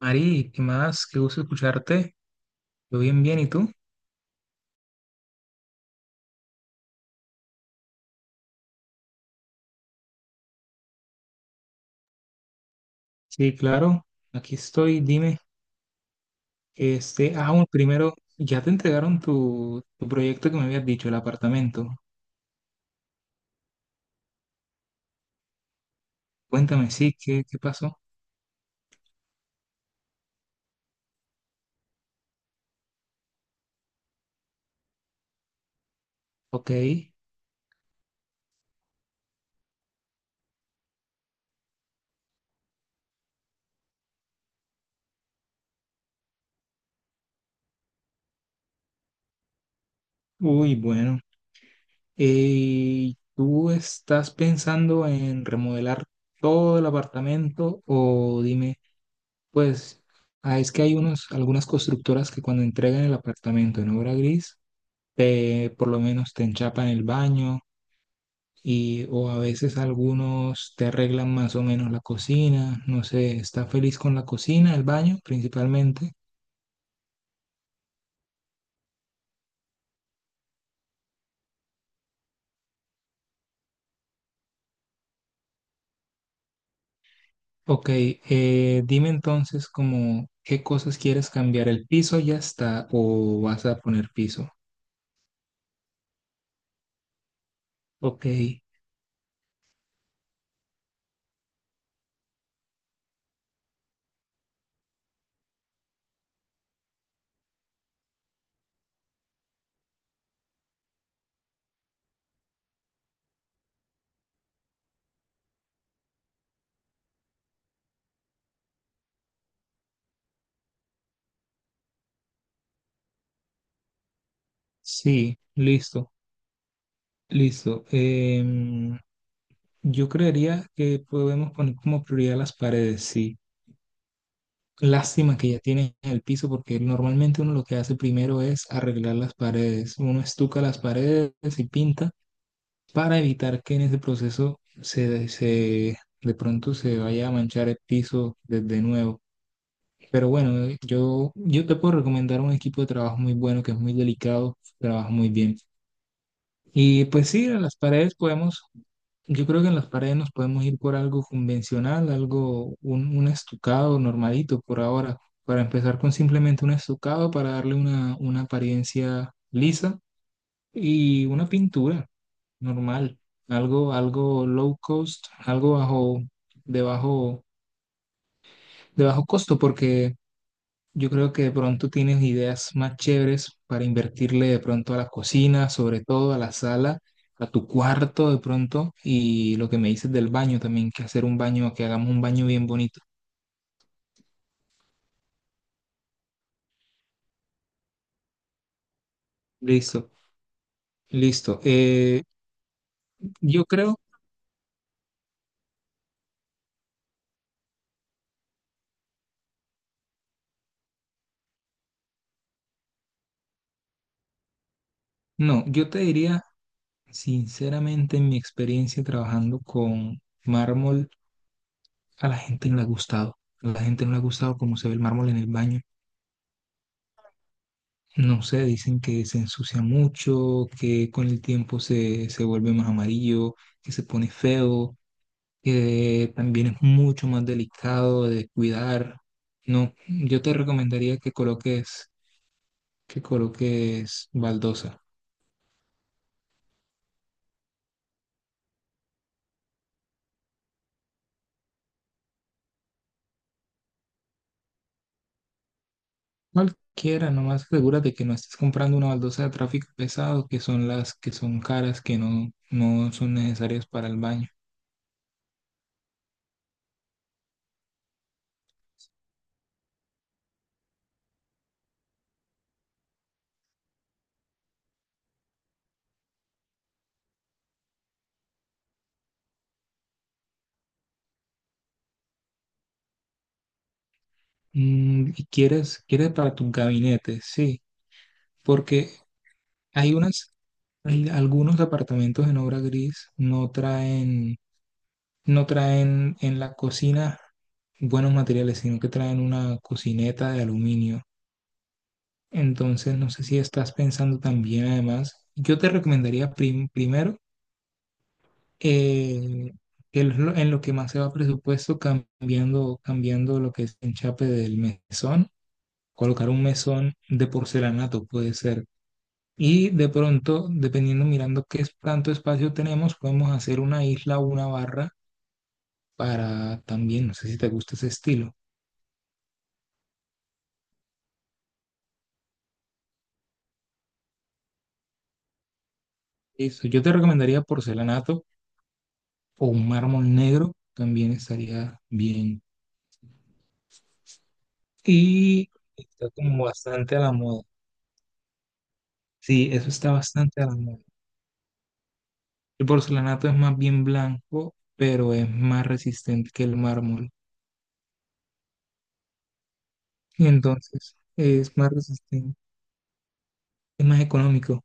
Mari, ¿qué más? Qué gusto escucharte. Yo bien, bien, ¿y tú? Sí, claro, aquí estoy, dime. Este, bueno, primero, ya te entregaron tu proyecto que me habías dicho, el apartamento. Cuéntame, sí, ¿qué pasó? Ok, uy, bueno. ¿Tú estás pensando en remodelar todo el apartamento o dime, pues, es que hay algunas constructoras que cuando entregan el apartamento en obra gris, te, por lo menos te enchapan el baño y o a veces algunos te arreglan más o menos la cocina, no sé? ¿Está feliz con la cocina, el baño principalmente? Ok, dime entonces como qué cosas quieres cambiar, el piso ya está o vas a poner piso. Ok, sí, listo, listo. Yo creería que podemos poner como prioridad las paredes, sí. Lástima que ya tiene el piso, porque normalmente uno lo que hace primero es arreglar las paredes. Uno estuca las paredes y pinta para evitar que en ese proceso se de pronto se vaya a manchar el piso desde nuevo. Pero bueno, yo te puedo recomendar un equipo de trabajo muy bueno, que es muy delicado, trabaja muy bien. Y pues sí, a las paredes podemos, yo creo que en las paredes nos podemos ir por algo convencional, algo, un estucado normalito por ahora, para empezar con simplemente un estucado para darle una apariencia lisa y una pintura normal, algo, algo low cost, algo bajo, de bajo, de bajo costo, porque yo creo que de pronto tienes ideas más chéveres para invertirle de pronto a la cocina, sobre todo a la sala, a tu cuarto de pronto, y lo que me dices del baño también, que hacer un baño, que hagamos un baño bien bonito. Listo, listo. Yo creo, no, yo te diría sinceramente, en mi experiencia trabajando con mármol, a la gente no le ha gustado. A la gente no le ha gustado cómo se ve el mármol en el baño. No sé, dicen que se ensucia mucho, que con el tiempo se vuelve más amarillo, que se pone feo, que también es mucho más delicado de cuidar. No, yo te recomendaría que coloques baldosa. Cualquiera, nomás asegúrate que no estés comprando una baldosa de tráfico pesado, que son las que son caras, que no, no son necesarias para el baño. Mm, y quieres para tus gabinetes, sí, porque hay unas. Algunos departamentos en obra gris no traen en la cocina buenos materiales, sino que traen una cocineta de aluminio. Entonces, no sé si estás pensando también, además, yo te recomendaría primero, eh, que es lo- en lo que más se va presupuesto, cambiando lo que es el enchape del mesón, colocar un mesón de porcelanato, puede ser. Y de pronto, dependiendo, mirando tanto espacio tenemos, podemos hacer una isla o una barra, para también, no sé si te gusta ese estilo. Eso, yo te recomendaría porcelanato o un mármol negro, también estaría bien. Y está como bastante a la moda. Sí, eso está bastante a la moda. El porcelanato es más bien blanco, pero es más resistente que el mármol. Y entonces es más resistente, es más económico,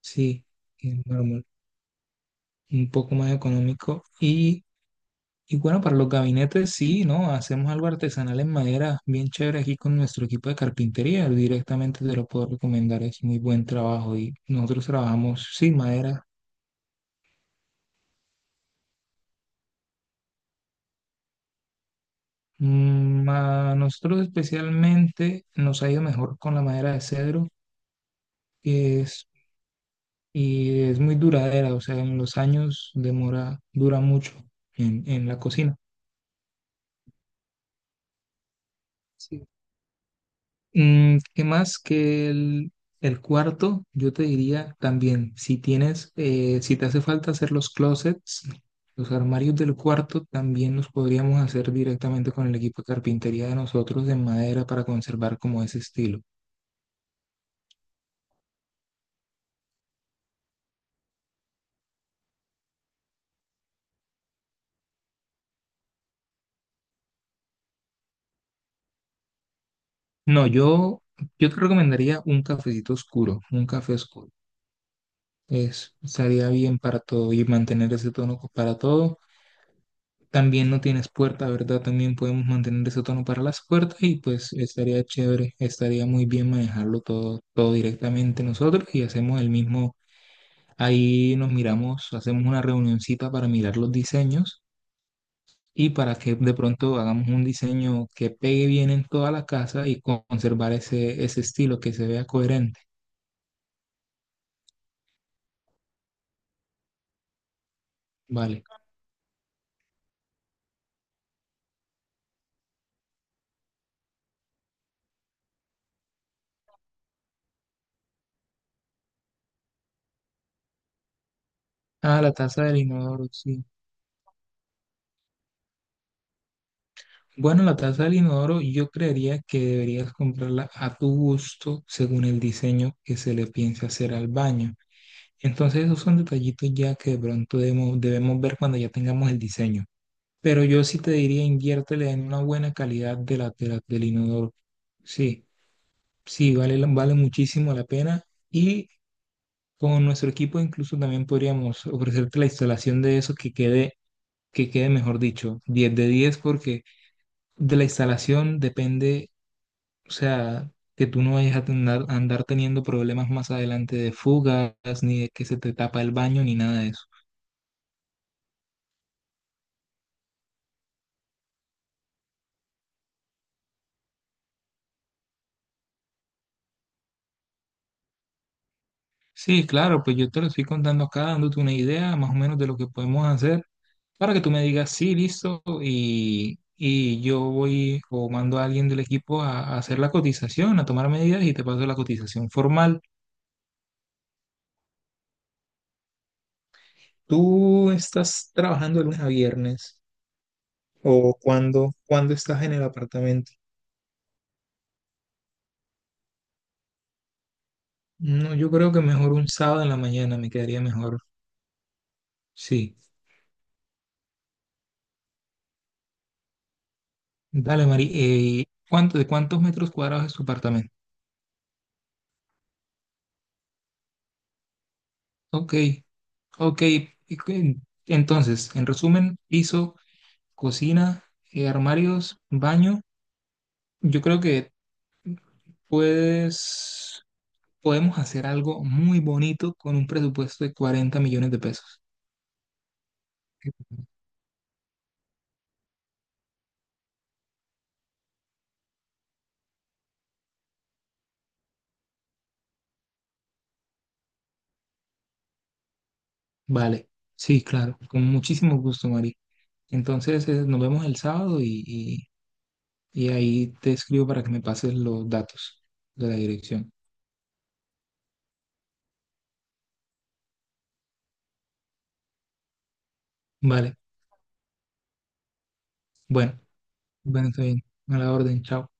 sí, que el mármol. Un poco más económico. Y bueno, para los gabinetes sí, ¿no? Hacemos algo artesanal en madera, bien chévere, aquí con nuestro equipo de carpintería. Directamente te lo puedo recomendar, es muy buen trabajo. Y nosotros trabajamos sin madera. A nosotros especialmente nos ha ido mejor con la madera de cedro, que es, y es muy duradera, o sea, en los años demora, dura mucho en la cocina. Sí. ¿Qué más? Que el cuarto. Yo te diría también, si te hace falta hacer los closets, los armarios del cuarto también los podríamos hacer directamente con el equipo de carpintería de nosotros, de madera, para conservar como ese estilo. No, yo te recomendaría un cafecito oscuro, un café oscuro. Estaría bien para todo y mantener ese tono para todo. También no tienes puerta, ¿verdad? También podemos mantener ese tono para las puertas y pues estaría chévere, estaría muy bien manejarlo todo, todo directamente nosotros, y hacemos el mismo, ahí nos miramos, hacemos una reunioncita para mirar los diseños y para que de pronto hagamos un diseño que pegue bien en toda la casa y con- conservar ese, ese estilo, que se vea coherente, ¿vale? Ah, la taza del inodoro, sí. Bueno, la taza del inodoro yo creería que deberías comprarla a tu gusto según el diseño que se le piense hacer al baño. Entonces esos son detallitos ya, que de pronto debemos ver cuando ya tengamos el diseño. Pero yo sí te diría, inviértele en una buena calidad de la, del inodoro. Sí, sí, vale, vale muchísimo la pena. Y con nuestro equipo incluso también podríamos ofrecerte la instalación de eso, que quede, mejor dicho, 10 de 10, porque de la instalación depende. O sea, que tú no vayas a andar teniendo problemas más adelante de fugas, ni de que se te tapa el baño, ni nada de eso. Sí, claro, pues yo te lo estoy contando acá, dándote una idea más o menos de lo que podemos hacer, para que tú me digas, sí, listo, y yo voy o mando a alguien del equipo a hacer la cotización, a tomar medidas, y te paso la cotización formal. ¿Tú estás trabajando de lunes a viernes, o cuándo estás en el apartamento? No, yo creo que mejor un sábado en la mañana me quedaría mejor. Sí, dale, Mari. De cuántos metros cuadrados es tu apartamento? Ok, ok. y cu- Entonces, en resumen, piso, cocina, armarios, baño. Yo creo que puedes, podemos hacer algo muy bonito con un presupuesto de 40 millones de pesos. Vale, sí, claro, con muchísimo gusto, Mari. Entonces, nos vemos el sábado y ahí te escribo para que me pases los datos de la dirección. Vale, bueno. Bueno, está bien. A la orden, chao.